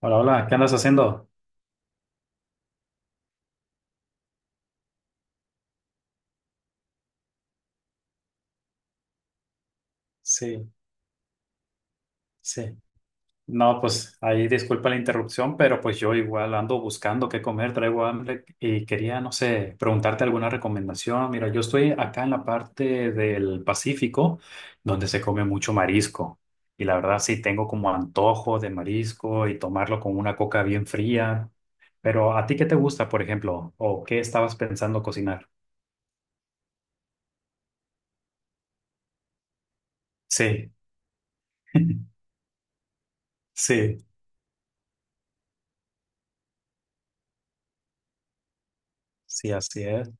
Hola, hola, ¿qué andas haciendo? Sí, sí. No, pues ahí disculpa la interrupción, pero pues yo igual ando buscando qué comer, traigo hambre y quería, no sé, preguntarte alguna recomendación. Mira, yo estoy acá en la parte del Pacífico, donde se come mucho marisco. Y la verdad sí tengo como antojo de marisco y tomarlo con una coca bien fría. Pero ¿a ti qué te gusta, por ejemplo? ¿O qué estabas pensando cocinar? Sí, sí, sí, así es.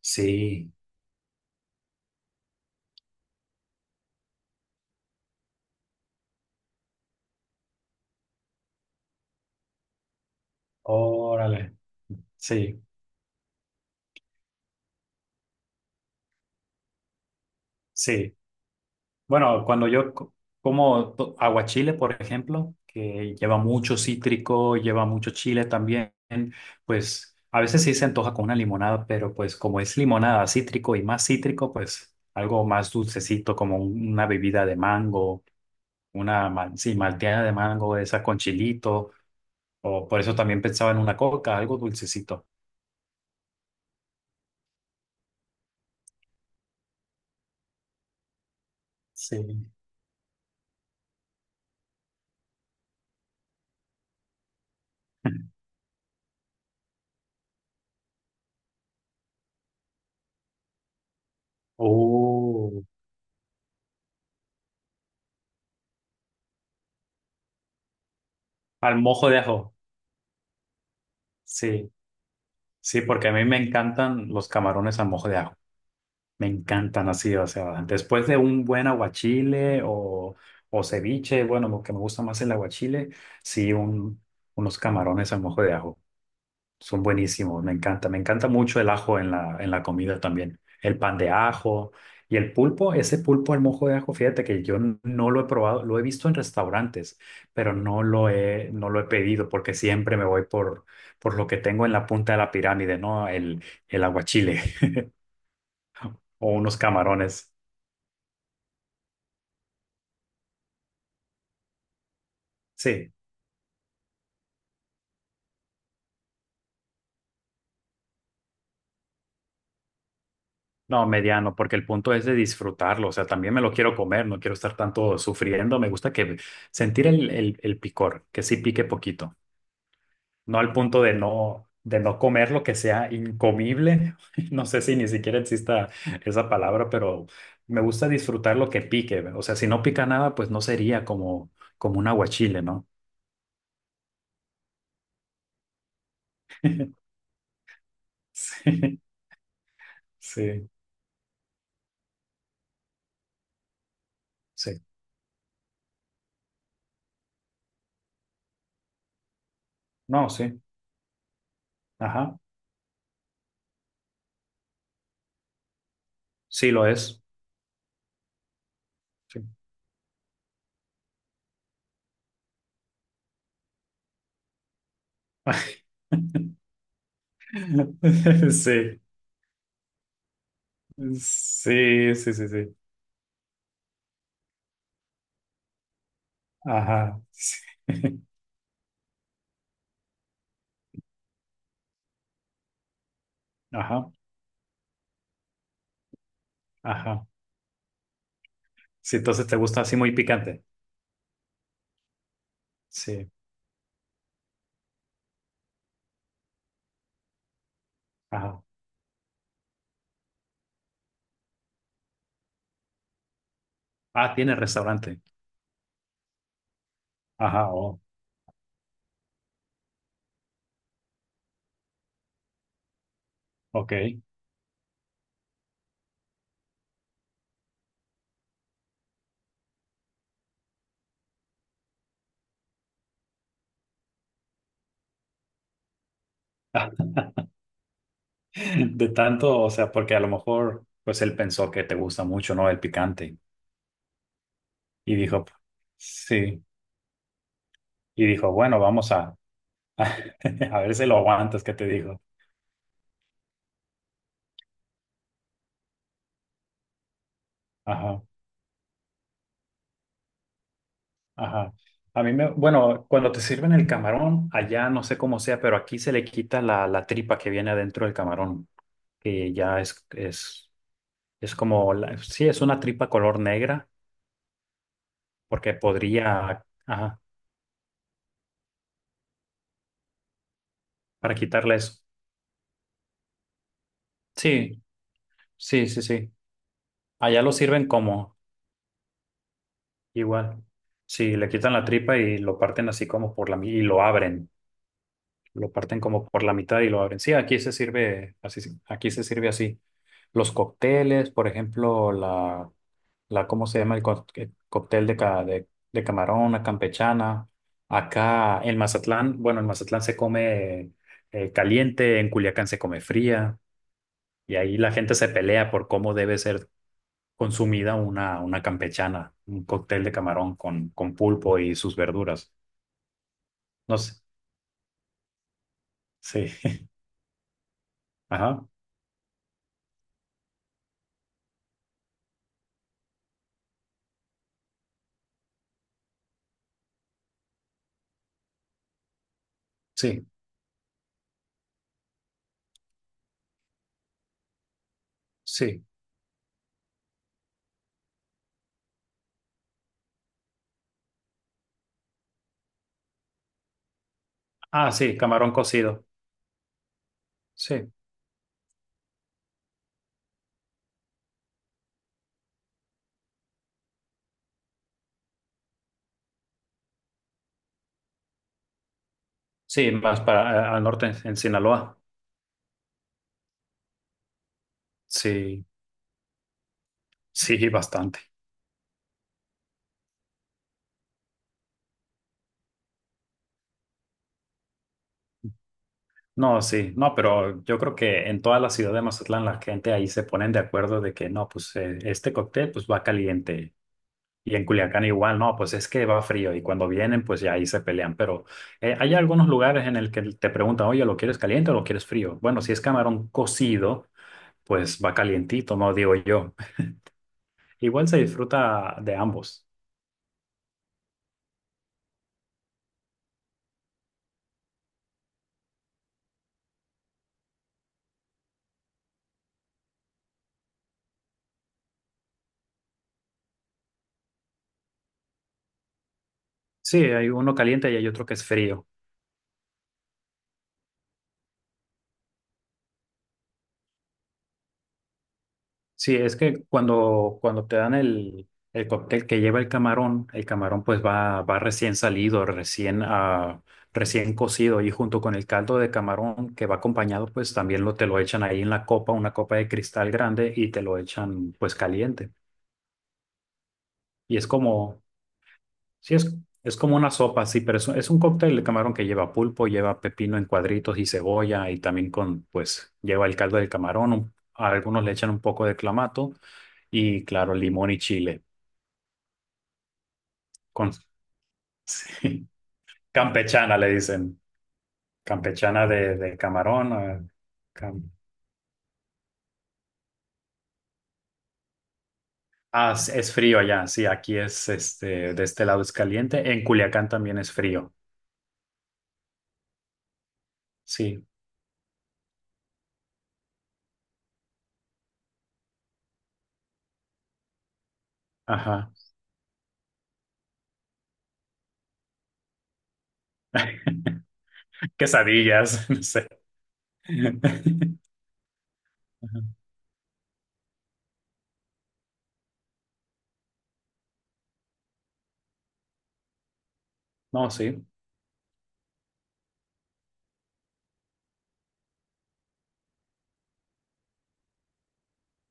Sí. Órale, sí, sí. Bueno, cuando yo co- como to- aguachile, por ejemplo, que lleva mucho cítrico, lleva mucho chile también, pues a veces sí se antoja con una limonada, pero pues como es limonada cítrico y más cítrico, pues algo más dulcecito, como una bebida de mango, una malteada de mango, esa con chilito, o por eso también pensaba en una coca, algo dulcecito. Sí. Uh, Al mojo de ajo. Sí. Sí, porque a mí me encantan los camarones a mojo de ajo. Me encantan así, o sea, después de un buen aguachile o ceviche, bueno, lo que me gusta más el aguachile, sí, un, unos camarones a mojo de ajo. Son buenísimos, me encanta. Me encanta mucho el ajo en la comida también. El pan de ajo y el pulpo, ese pulpo al mojo de ajo, fíjate que yo no lo he probado, lo he visto en restaurantes, pero no lo he, no lo he pedido porque siempre me voy por lo que tengo en la punta de la pirámide, ¿no? El aguachile o unos camarones. Sí, no, mediano, porque el punto es de disfrutarlo, o sea, también me lo quiero comer, no quiero estar tanto sufriendo, me gusta que sentir el picor, que sí pique poquito. No al punto de no comer lo que sea incomible. No sé si ni siquiera exista esa palabra, pero me gusta disfrutar lo que pique. O sea, si no pica nada, pues no sería como, como un aguachile, ¿no? Sí, sí, sí. No, sí. Ajá. Sí lo es. Sí. Sí, sí, sí, sí, sí. Ajá. Sí. Ajá, ajá. Sí, entonces te gusta así muy picante. Sí, ajá. Ah, tiene restaurante. Ajá, oh, ok. De tanto, o sea, porque a lo mejor, pues él pensó que te gusta mucho, ¿no? El picante. Y dijo, sí. Y dijo, bueno, vamos a, a ver si lo aguantas, ¿qué te digo? Ajá, ajá. A mí me, bueno, cuando te sirven el camarón, allá no sé cómo sea, pero aquí se le quita la tripa que viene adentro del camarón, que ya es como, es una tripa color negra, porque podría, ajá, para quitarle eso. Sí. Sí, sí, sí. Allá lo sirven como igual. Sí, le quitan la tripa y lo parten así como por y lo abren. Lo parten como por la mitad y lo abren. Sí, aquí se sirve así. Sí, aquí se sirve así. Los cócteles, por ejemplo, la, ¿cómo se llama el cóctel de, de camarón, la campechana? Acá en Mazatlán, bueno, en Mazatlán se come caliente, en Culiacán se come fría. Y ahí la gente se pelea por cómo debe ser consumida una campechana, un cóctel de camarón con pulpo y sus verduras. No sé. Sí. Ajá. Sí. Sí. Ah, sí, camarón cocido. Sí. Sí, más para al norte, en Sinaloa. Sí. Sí, bastante. No, sí. No, pero yo creo que en toda la ciudad de Mazatlán la gente ahí se ponen de acuerdo de que no, pues este cóctel pues va caliente. Y en Culiacán igual, no, pues es que va frío y cuando vienen, pues ya ahí se pelean. Pero hay algunos lugares en el que te preguntan, oye, ¿lo quieres caliente o lo quieres frío? Bueno, si es camarón cocido, pues va calientito, no digo yo. Igual se disfruta de ambos. Sí, hay uno caliente y hay otro que es frío. Sí, es que cuando, cuando te dan el cóctel que lleva el camarón pues va, va recién salido, recién cocido y junto con el caldo de camarón que va acompañado pues también lo, te lo echan ahí en la copa, una copa de cristal grande y te lo echan pues caliente. Y es como, sí, es como una sopa, sí, pero es, es un cóctel de camarón que lleva pulpo, lleva pepino en cuadritos y cebolla y también con pues lleva el caldo del camarón, a algunos le echan un poco de clamato y claro, limón y chile. Con, sí. Campechana le dicen. Campechana de camarón. Cam- Ah, es frío allá. Sí, aquí es este, de este lado es caliente. En Culiacán también es frío. Sí, ajá. Quesadillas, no sé. Ajá. No, sí.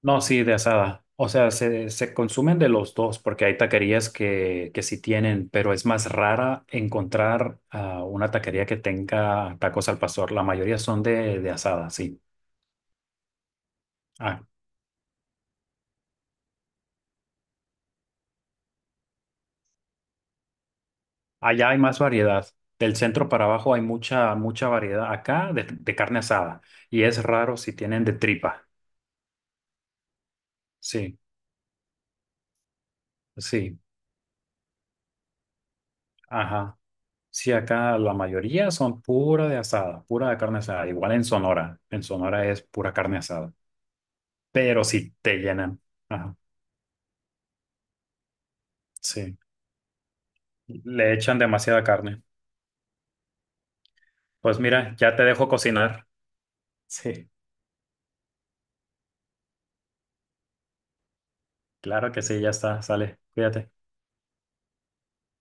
No, sí, de asada. O sea, se consumen de los dos porque hay taquerías que sí tienen, pero es más rara encontrar una taquería que tenga tacos al pastor. La mayoría son de asada, sí. Ah, allá hay más variedad. Del centro para abajo hay mucha, mucha variedad. Acá de carne asada. Y es raro si tienen de tripa. Sí, sí, ajá. Sí, acá la mayoría son pura de asada, pura de carne asada. Igual en Sonora. En Sonora es pura carne asada. Pero sí te llenan. Ajá, sí. Le echan demasiada carne. Pues mira, ya te dejo cocinar. Sí, claro que sí, ya está. Sale, cuídate.